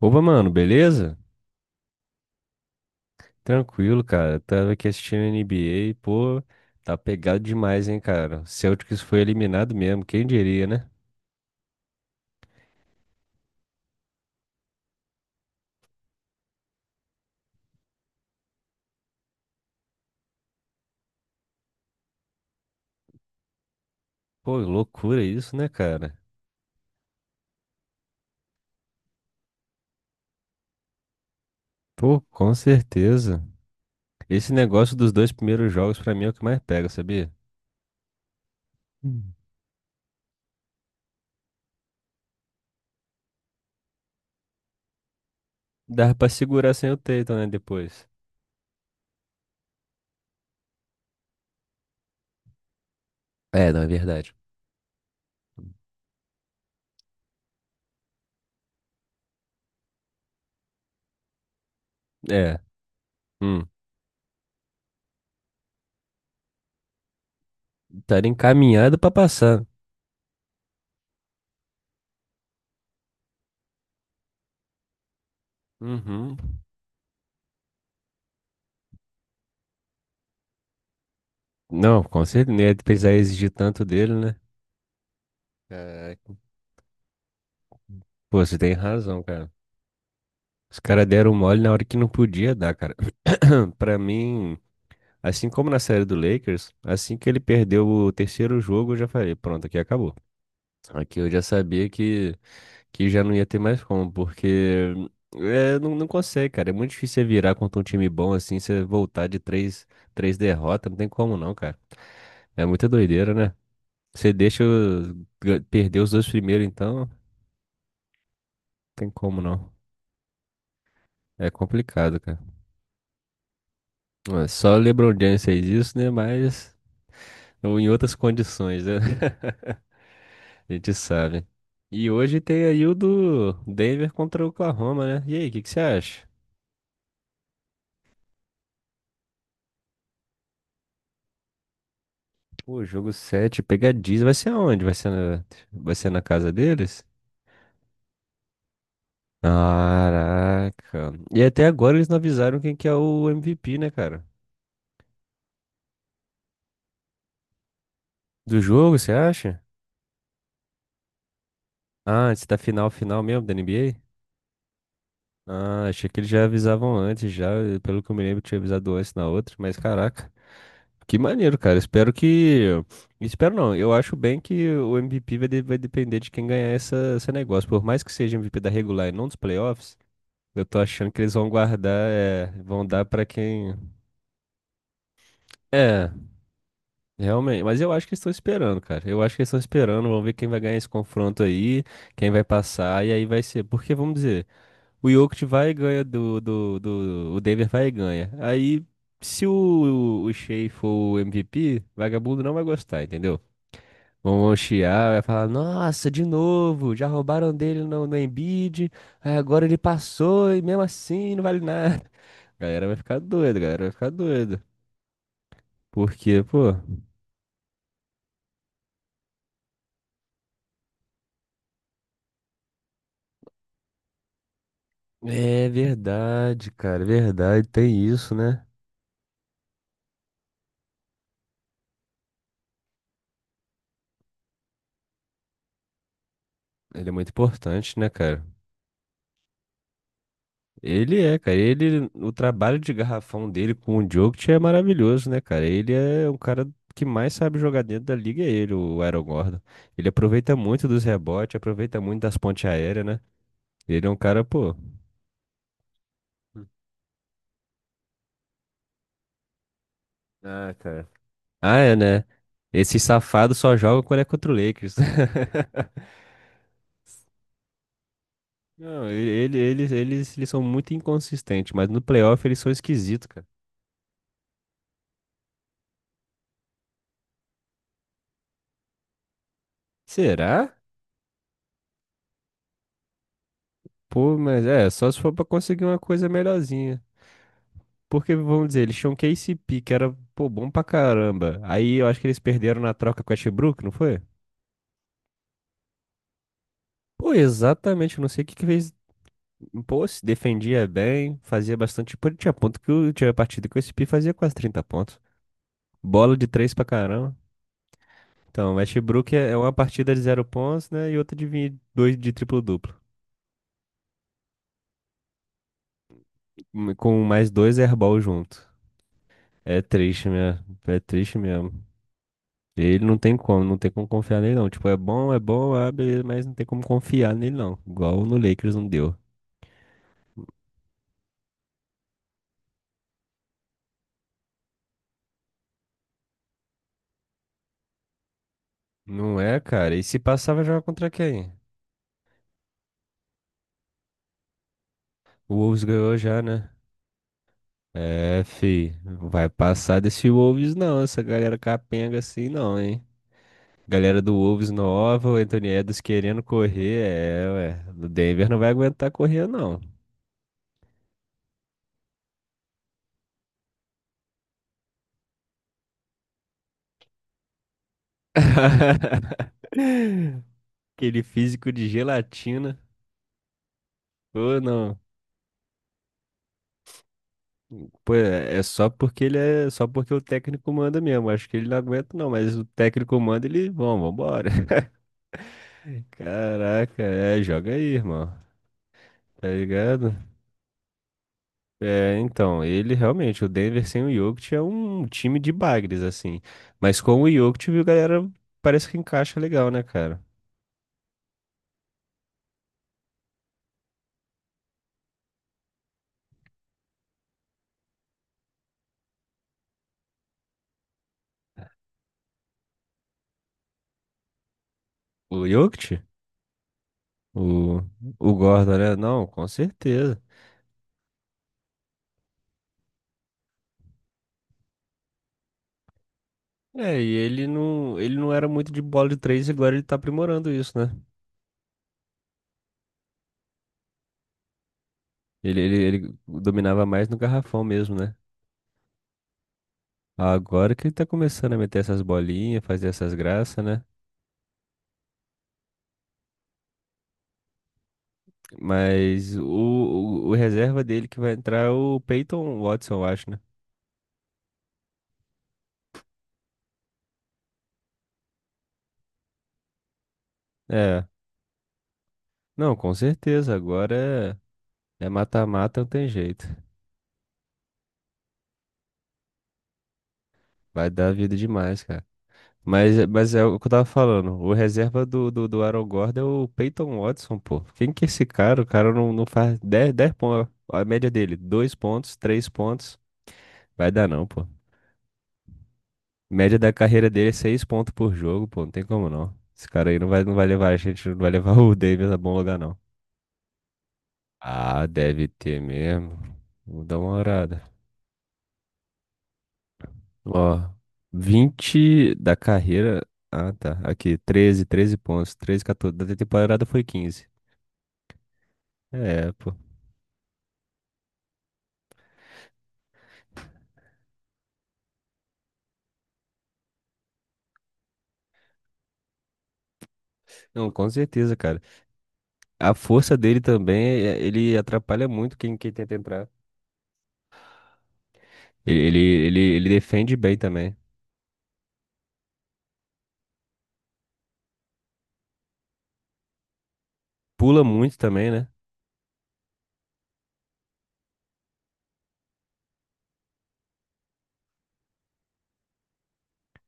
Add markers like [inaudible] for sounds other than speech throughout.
Opa, mano, beleza? Tranquilo, cara. Tava aqui assistindo NBA, pô, tá pegado demais, hein, cara. O Celtics foi eliminado mesmo, quem diria, né? Pô, loucura isso, né, cara? Pô, com certeza. Esse negócio dos dois primeiros jogos pra mim é o que mais pega, sabia? Hum. Dava pra segurar sem o Tatum, né, depois. É, não é verdade. É. Estaria encaminhado para passar. Uhum. Não, com certeza. Não ia precisar exigir tanto dele, né? Caraca. Pô, você tem razão, cara. Os caras deram mole na hora que não podia dar, cara. [clears throat] Pra mim, assim como na série do Lakers, assim que ele perdeu o terceiro jogo, eu já falei, pronto, aqui acabou. Aqui eu já sabia que já não ia ter mais como, porque é, não, não consegue, cara. É muito difícil você virar contra um time bom assim, você voltar de três, três derrotas, não tem como não, cara. É muita doideira, né? Você deixa perder os dois primeiros, então, não tem como não. É complicado, cara. Ué, só o LeBron James fez isso, né? Mas ou em outras condições, né? [laughs] A gente sabe. E hoje tem aí o do Denver contra o Oklahoma, né? E aí, o que que você acha? Pô, jogo 7, pegadinha. Vai ser aonde? Vai ser na casa deles? Caraca. E até agora eles não avisaram quem que é o MVP, né, cara? Do jogo, você acha? Ah, antes da final, final mesmo da NBA? Ah, achei que eles já avisavam antes, já. Pelo que eu me lembro, tinha avisado antes na outra, mas caraca. Que maneiro, cara. Espero que. Espero não. Eu acho bem que o MVP vai depender de quem ganhar essa, esse negócio. Por mais que seja MVP da regular e não dos playoffs, eu tô achando que eles vão guardar, é, vão dar pra quem. É, realmente. Mas eu acho que eles estão esperando, cara. Eu acho que eles estão esperando. Vamos ver quem vai ganhar esse confronto aí, quem vai passar, e aí vai ser. Porque, vamos dizer. O Jokic vai e ganha do. O Denver vai e ganha. Aí, se o Shea for o MVP, vagabundo não vai gostar, entendeu? Vão chiar, vai falar, nossa, de novo, já roubaram dele no Embiid, aí agora ele passou e mesmo assim não vale nada. [laughs] A galera vai ficar doida, a galera vai ficar doida. Porque, pô, é verdade, cara, é verdade, tem isso, né? Ele é muito importante, né, cara? Ele é, cara. Ele, o trabalho de garrafão dele com o Jokic é maravilhoso, né, cara? Ele é o cara que mais sabe jogar dentro da liga, é ele, o Aaron Gordon. Ele aproveita muito dos rebotes, aproveita muito das pontes aéreas, né? Ele é um cara, pô. Ah, cara. Ah, é, né? Esse safado só joga quando é contra o Lakers. [laughs] Não, eles são muito inconsistentes, mas no playoff eles são esquisitos, cara. Será? Pô, mas é, só se for pra conseguir uma coisa melhorzinha. Porque, vamos dizer, eles tinham KCP que era, pô, bom pra caramba. Aí eu acho que eles perderam na troca com o Westbrook, não foi? Pô, exatamente, eu não sei o que que fez. Pô, se defendia bem, fazia bastante. Pô, tinha ponto tinha partida que o SP fazia quase 30 pontos. Bola de 3 pra caramba. Então, o Westbrook é uma partida de zero pontos, né? E outra de dois de triplo-duplo. Com mais dois airball junto. É triste, né? É triste mesmo. Ele não tem como confiar nele não. Tipo, é bom, ah, beleza, mas não tem como confiar nele não. Igual no Lakers não deu. Não é, cara? E se passar, vai jogar contra quem? O Wolves ganhou já, né? É, fi. Não vai passar desse Wolves não, essa galera capenga assim não, hein? Galera do Wolves nova, o Anthony Edwards querendo correr, é, ué. O Denver não vai aguentar correr não. [laughs] Aquele físico de gelatina. Ou não. Pô, é só porque ele é só porque o técnico manda mesmo. Acho que ele não aguenta, não, mas o técnico manda, ele vamos, vambora. [laughs] Caraca, é, joga aí, irmão. Tá ligado? É, então, ele realmente, o Denver sem o Jokic é um time de bagres, assim. Mas com o Jokic, viu, galera, parece que encaixa legal, né, cara? O Jokic? O, o Gordon, né? Não, com certeza. É, e ele não era muito de bola de três, e agora ele tá aprimorando isso, né? Ele dominava mais no garrafão mesmo, né? Agora que ele tá começando a meter essas bolinhas, fazer essas graças, né? Mas o reserva dele que vai entrar é o Peyton Watson, eu acho, né? É. Não, com certeza. Agora é mata-mata, não tem jeito. Vai dar vida demais, cara. Mas é o que eu tava falando. O reserva do Aaron Gordon é o Peyton Watson, pô. Quem que é esse cara? O cara não faz dez pontos. A média dele, dois pontos, 3 pontos. Vai dar não, pô. Média da carreira dele é 6 pontos por jogo, pô. Não tem como não. Esse cara aí não vai levar a gente, não vai levar [laughs] o Davis a bom lugar, não. Ah, deve ter mesmo. Vou dar uma olhada. Ó, 20 da carreira. Ah, tá. Aqui, 13, 13 pontos. 13, 14. Da temporada foi 15. É, pô. Não, com certeza, cara. A força dele também, ele atrapalha muito quem, tenta entrar. Ele, ele, ele defende bem também. Pula muito também, né?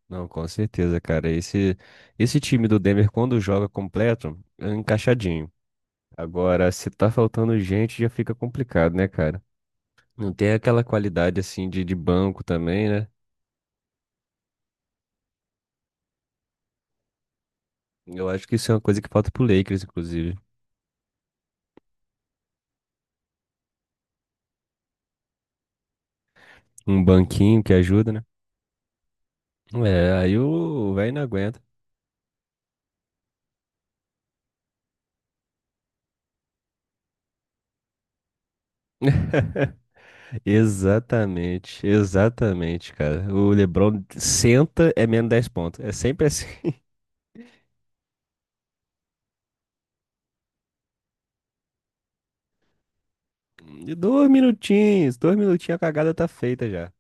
Não, com certeza, cara. Esse time do Denver, quando joga completo, é encaixadinho. Agora, se tá faltando gente, já fica complicado, né, cara? Não tem aquela qualidade, assim, de banco também, né? Eu acho que isso é uma coisa que falta pro Lakers, inclusive. Um banquinho que ajuda, né? É, aí o velho não aguenta. [laughs] Exatamente, exatamente, cara. O LeBron senta, é menos 10 pontos. É sempre assim. [laughs] Dois minutinhos, a cagada tá feita já.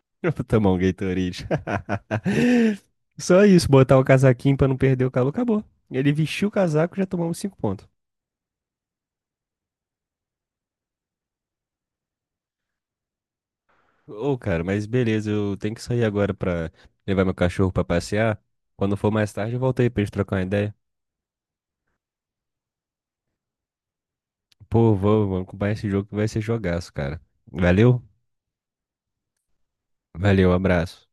[laughs] Eu vou tomar um Gatorade. [laughs] Só isso, botar o casaquinho pra não perder o calor, acabou. Ele vestiu o casaco, já tomamos cinco pontos. Ô, cara, mas beleza, eu tenho que sair agora pra levar meu cachorro pra passear. Quando for mais tarde, eu volto aí pra gente trocar uma ideia. Pô, vamos comprar esse jogo que vai ser jogaço, cara. Valeu? Valeu, abraço.